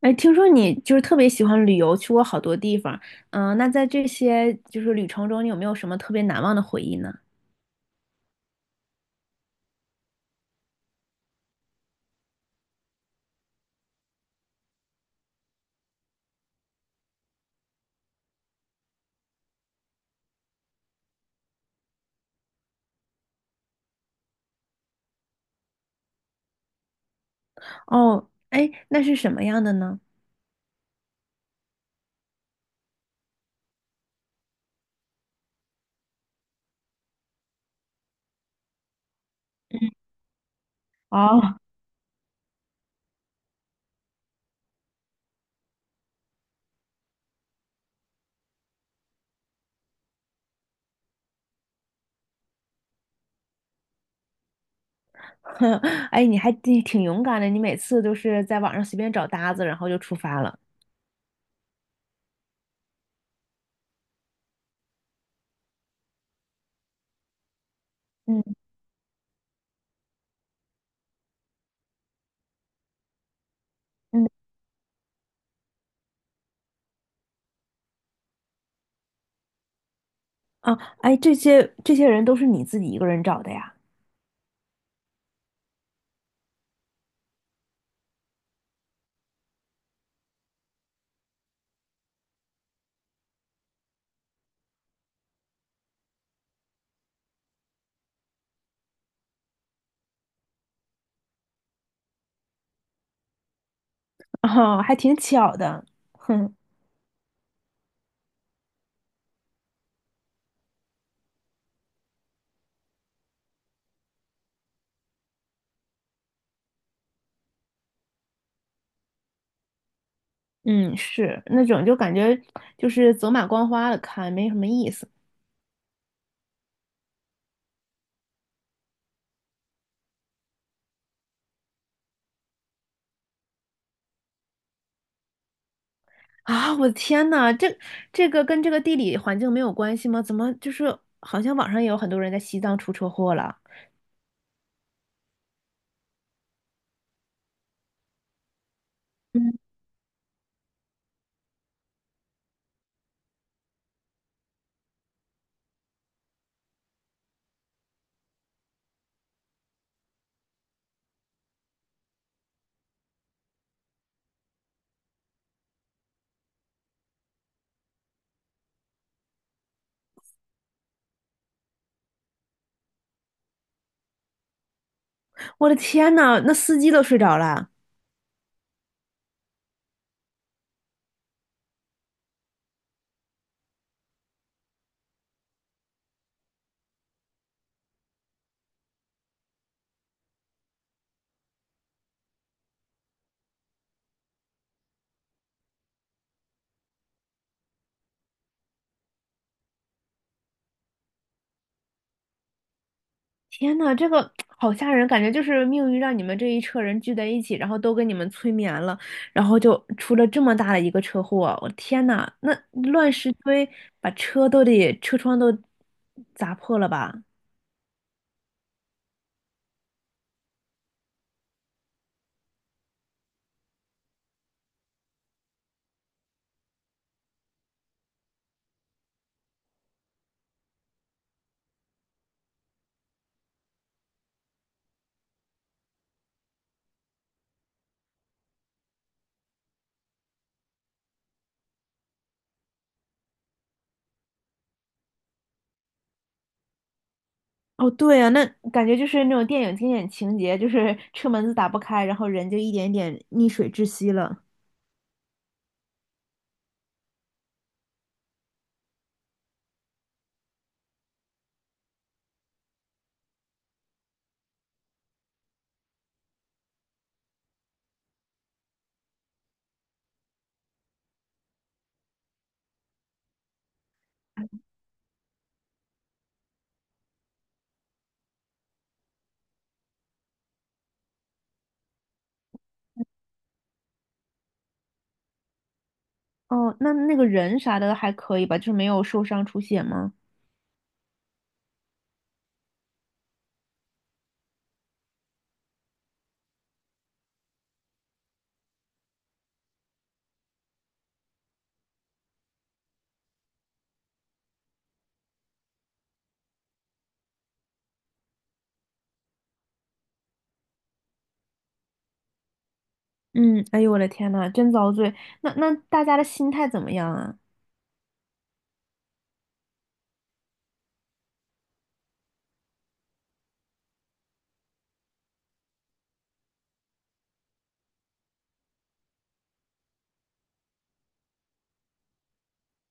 哎，听说你就是特别喜欢旅游，去过好多地方。那在这些就是旅程中，你有没有什么特别难忘的回忆呢？哦，哎，那是什么样的呢？哦，哎，你还挺勇敢的，你每次都是在网上随便找搭子，然后就出发了。嗯嗯，啊，哎，这些人都是你自己一个人找的呀？哦，还挺巧的。哼，嗯，是那种就感觉就是走马观花的看，没什么意思。啊，我的天呐，这个跟这个地理环境没有关系吗？怎么就是好像网上也有很多人在西藏出车祸了？嗯，我的天呐，那司机都睡着了。天呐，这个好吓人，感觉就是命运让你们这一车人聚在一起，然后都给你们催眠了，然后就出了这么大的一个车祸。我的天呐，那乱石堆把车都得车窗都砸破了吧？哦，对啊，那感觉就是那种电影经典情节，就是车门子打不开，然后人就一点点溺水窒息了。哦，那那个人啥的还可以吧，就是没有受伤出血吗？嗯，哎呦我的天呐，真遭罪。那那大家的心态怎么样啊？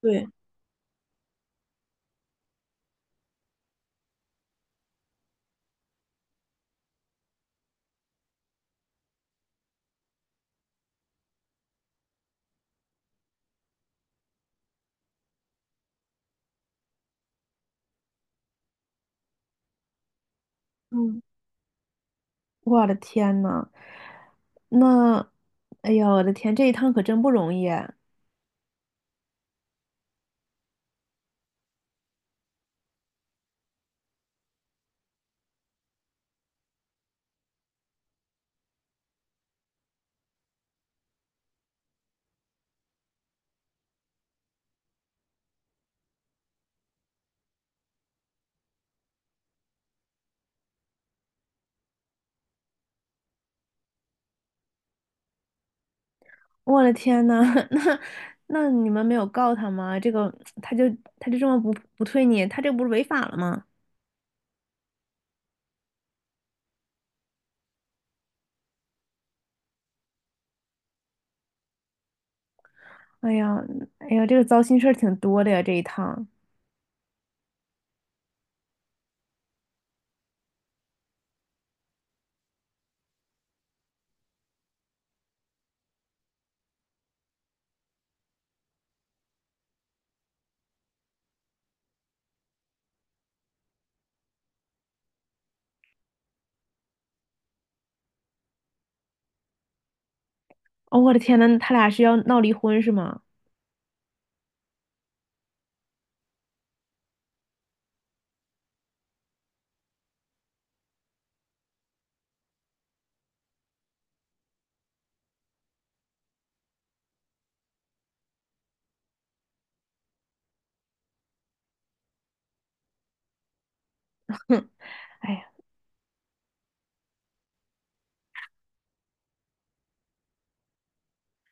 对，嗯，我的天呐，那，哎呦我的天，这一趟可真不容易啊我的天呐，那那你们没有告他吗？这个他就他就这么不退你，他这不是违法了吗？哎呀，哎呀，这个糟心事儿挺多的呀，这一趟。哦，我的天呐，他俩是要闹离婚是吗？哎呀，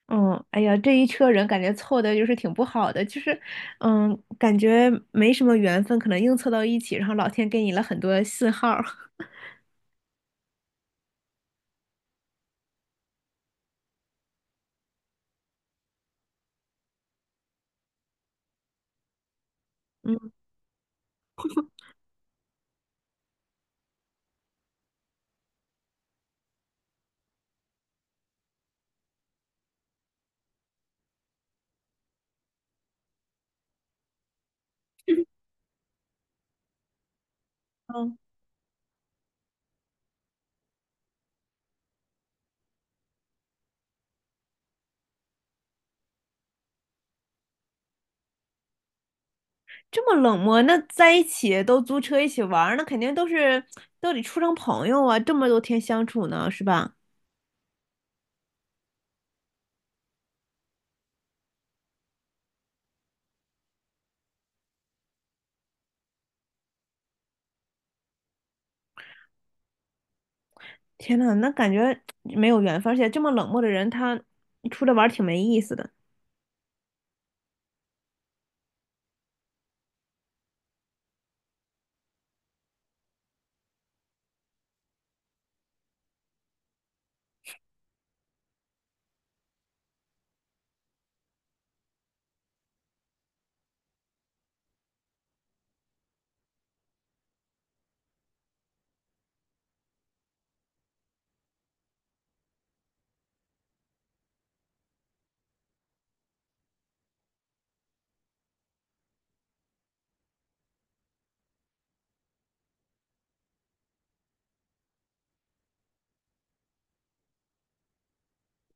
嗯，哎呀，这一车人感觉凑的就是挺不好的，就是，嗯，感觉没什么缘分，可能硬凑到一起，然后老天给你了很多信号儿 嗯嗯，这么冷漠，那在一起都租车一起玩儿，那肯定都是都得处成朋友啊，这么多天相处呢，是吧？天呐，那感觉没有缘分，而且这么冷漠的人，他出来玩儿挺没意思的。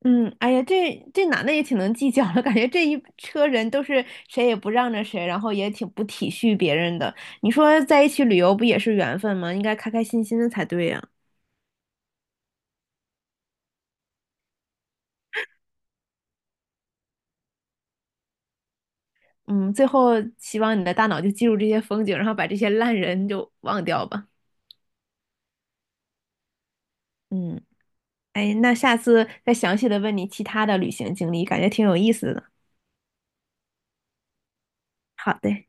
嗯，哎呀，这男的也挺能计较的，感觉这一车人都是谁也不让着谁，然后也挺不体恤别人的。你说在一起旅游不也是缘分吗？应该开开心心的才对呀。嗯，最后希望你的大脑就记住这些风景，然后把这些烂人就忘掉吧。嗯，哎，那下次再详细的问你其他的旅行经历，感觉挺有意思的。好的。